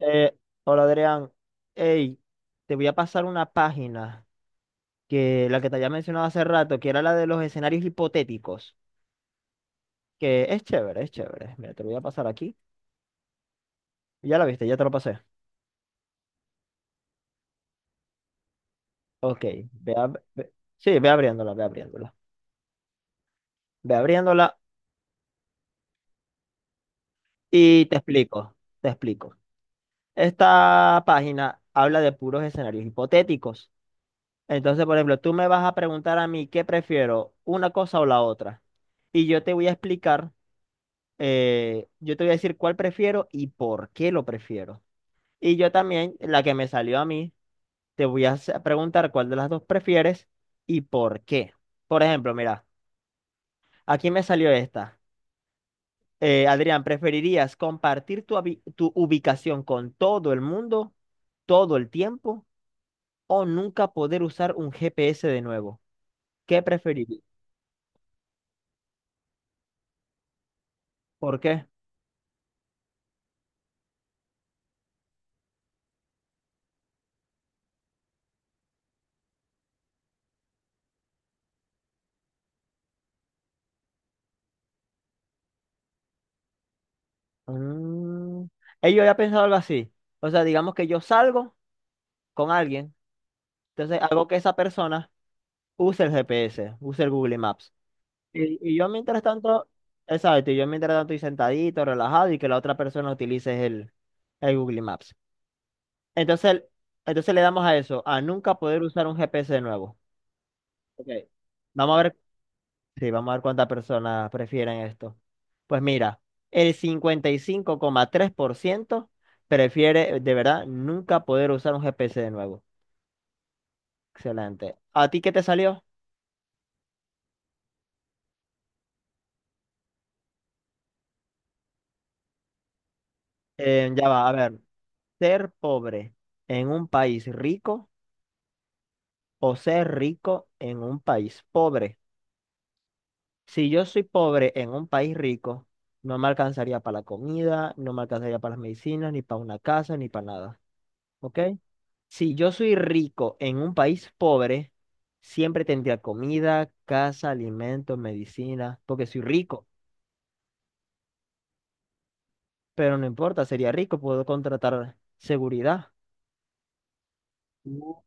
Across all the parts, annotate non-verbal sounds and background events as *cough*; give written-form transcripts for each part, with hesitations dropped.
Eh, Hola Adrián, hey, te voy a pasar una página que la que te había mencionado hace rato, que era la de los escenarios hipotéticos, que es chévere, es chévere. Mira, te lo voy a pasar aquí. Ya la viste, ya te lo pasé. Ok, sí, ve abriéndola, ve abriéndola. Ve abriéndola y te explico, te explico. Esta página habla de puros escenarios hipotéticos. Entonces, por ejemplo, tú me vas a preguntar a mí qué prefiero, una cosa o la otra. Y yo te voy a explicar. Yo te voy a decir cuál prefiero y por qué lo prefiero. Y yo también, la que me salió a mí, te voy a hacer- preguntar cuál de las dos prefieres y por qué. Por ejemplo, mira, aquí me salió esta. Adrián, ¿preferirías compartir tu ubicación con todo el mundo todo el tiempo o nunca poder usar un GPS de nuevo? ¿Qué preferirías? ¿Por qué? Mm, yo había pensado algo así. O sea, digamos que yo salgo con alguien. Entonces, algo que esa persona usa el GPS, usa el Google Maps. Y yo mientras tanto, exacto, y yo mientras tanto estoy sentadito, relajado y que la otra persona utilice el Google Maps. Entonces, entonces, le damos a eso, a nunca poder usar un GPS de nuevo. Ok. Vamos a ver, sí, vamos a ver cuántas personas prefieren esto. Pues mira, el 55,3% prefiere de verdad nunca poder usar un GPS de nuevo. Excelente. ¿A ti qué te salió? Ya va, a ver. Ser pobre en un país rico o ser rico en un país pobre. Si yo soy pobre en un país rico, no me alcanzaría para la comida, no me alcanzaría para las medicinas, ni para una casa, ni para nada. ¿Ok? Si yo soy rico en un país pobre, siempre tendría comida, casa, alimentos, medicina, porque soy rico. Pero no importa, sería rico, puedo contratar seguridad. Mm.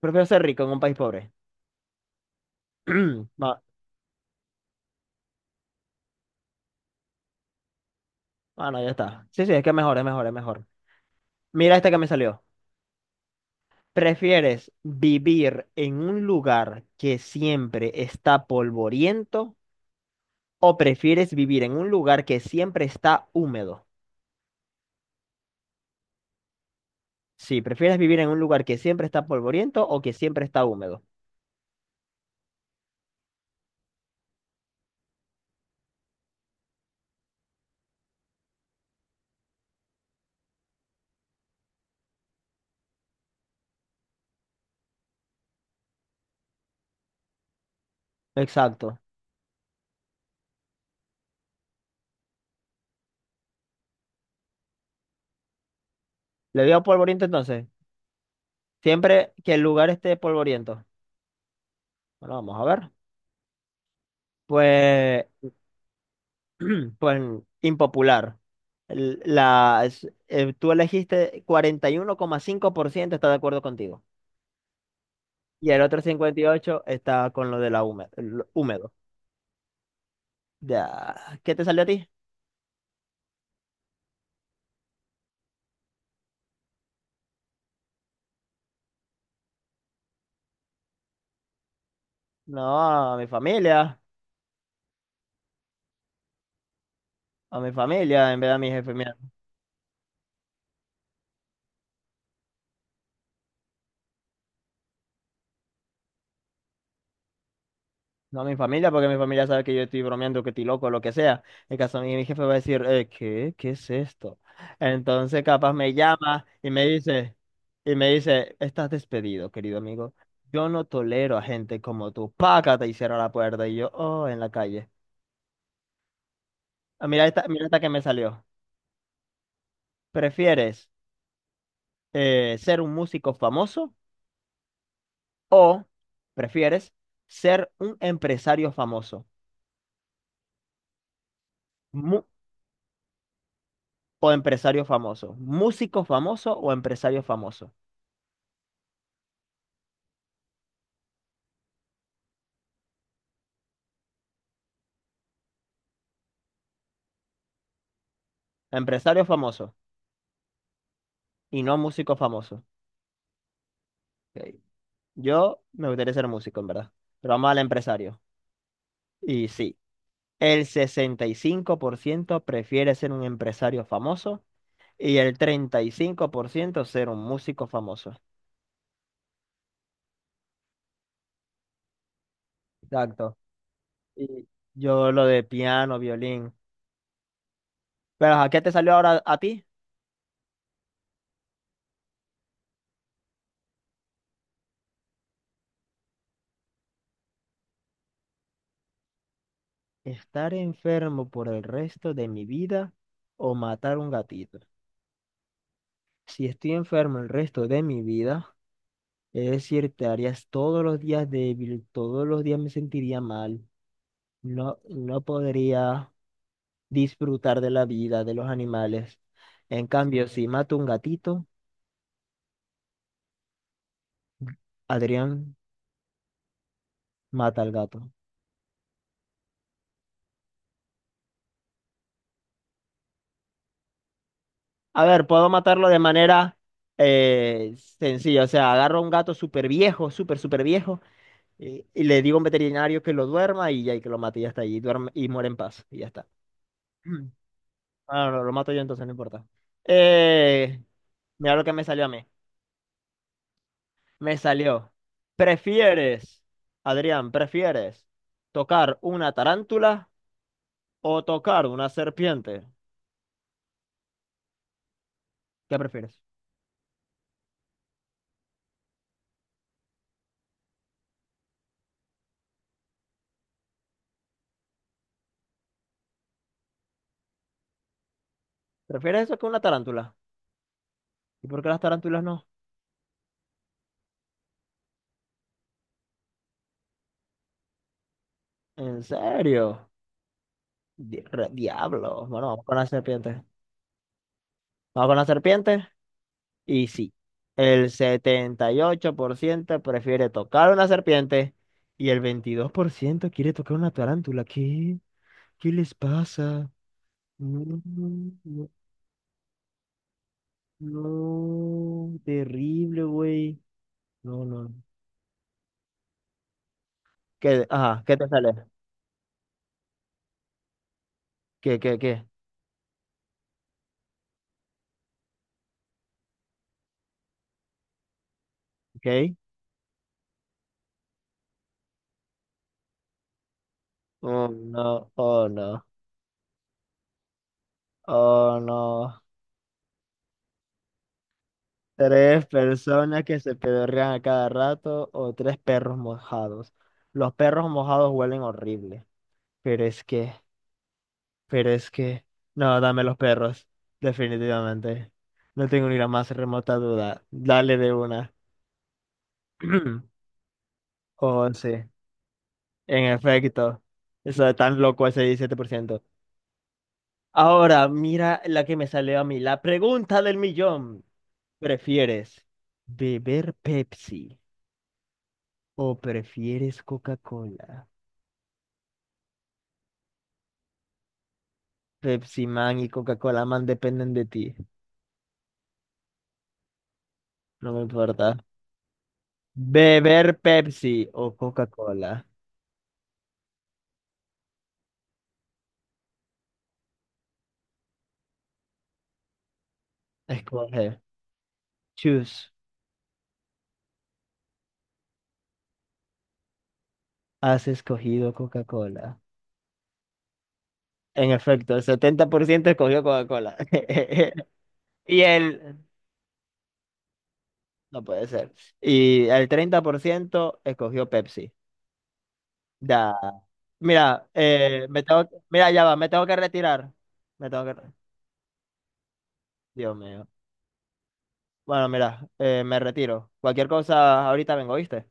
Prefiero ser rico en un país pobre. *clears throat* Va- Ah, no, ya está. Sí, sí, es que es mejor, es mejor, es mejor. Mira esta que me salió. ¿Prefieres vivir en un lugar que siempre está polvoriento o prefieres vivir en un lugar que siempre está húmedo? Sí, ¿prefieres vivir en un lugar que siempre está polvoriento o que siempre está húmedo? Exacto. ¿Le digo polvoriento entonces? Siempre que el lugar esté polvoriento. Bueno, vamos a ver. Pues *clears throat* pues impopular. Tú elegiste 41,5% está de acuerdo contigo. Y el otro 58% está con lo de lo húmedo. Ya. ¿Qué te salió a ti? No, a mi familia. A mi familia, en vez de a mi jefe. No a mi familia, porque mi familia sabe que yo estoy bromeando, que estoy loco, lo que sea. En caso a mí, mi jefe va a decir, ¿qué? ¿Qué es esto? Entonces, capaz me llama y me dice, estás despedido, querido amigo. Yo no tolero a gente como tú. Págate y cierra la puerta. Y yo, oh, en la calle. Ah, mira esta que me salió. ¿Prefieres ser un músico famoso o prefieres ser un empresario famoso? Mu- o empresario famoso. ¿Músico famoso o empresario famoso? Empresario famoso y no músico famoso. Ok. Yo me gustaría ser músico, en verdad. Pero vamos al empresario. Y sí, el 65% prefiere ser un empresario famoso y el 35% ser un músico famoso. Exacto. Y yo lo de piano, violín. Pero ¿a qué te salió ahora a ti? ¿Estar enfermo por el resto de mi vida o matar un gatito? Si estoy enfermo el resto de mi vida, es decir, te harías todos los días débil, todos los días me sentiría mal, no podría disfrutar de la vida, de los animales. En cambio, si mato un gatito, Adrián mata al gato. A ver, puedo matarlo de manera sencilla, o sea, agarro a un gato súper viejo, súper, súper viejo, y le digo a un veterinario que lo duerma y ya y que lo mate y ya está, y, duerme, y muere en paz, y ya está. *clears throat* Ah, no, no, lo mato yo entonces, no importa. Eh, mira lo que me salió a mí. Me salió. ¿Prefieres, Adrián, prefieres tocar una tarántula o tocar una serpiente? ¿Qué prefieres? ¿Prefieres eso que una tarántula? ¿Y por qué las tarántulas no? ¿En serio? Diablo. Bueno, vamos con la serpiente. Vamos con la serpiente. Y sí, el 78% prefiere tocar una serpiente y el 22% quiere tocar una tarántula. ¿Qué? ¿Qué les pasa? Mm, no, terrible, güey. No, no. ¿Qué, ajá, qué te sale? ¿Qué, qué, qué? ¿Ok? Oh, no, oh, no, oh, no. Tres personas que se pedorrean a cada rato o tres perros mojados. Los perros mojados huelen horrible. Pero es que, pero es que... No, dame los perros. Definitivamente. No tengo ni la más remota duda. Dale de una. *clears throat* Oh, sí. En efecto, eso es tan loco ese 17%. Ahora, mira la que me salió a mí, la pregunta del millón. ¿Prefieres beber Pepsi o prefieres Coca-Cola? Pepsi Man y Coca-Cola Man dependen de ti, no me importa. ¿Beber Pepsi o Coca-Cola? Escoge. Choose. Has escogido Coca-Cola. En efecto, el 70% escogió Coca-Cola. *laughs* Y el no puede ser. Y el 30% escogió Pepsi. Da. Mira, me tengo, mira, ya va, me tengo que retirar. Me tengo que... Dios mío. Bueno, mira, me retiro. Cualquier cosa, ahorita vengo, ¿viste?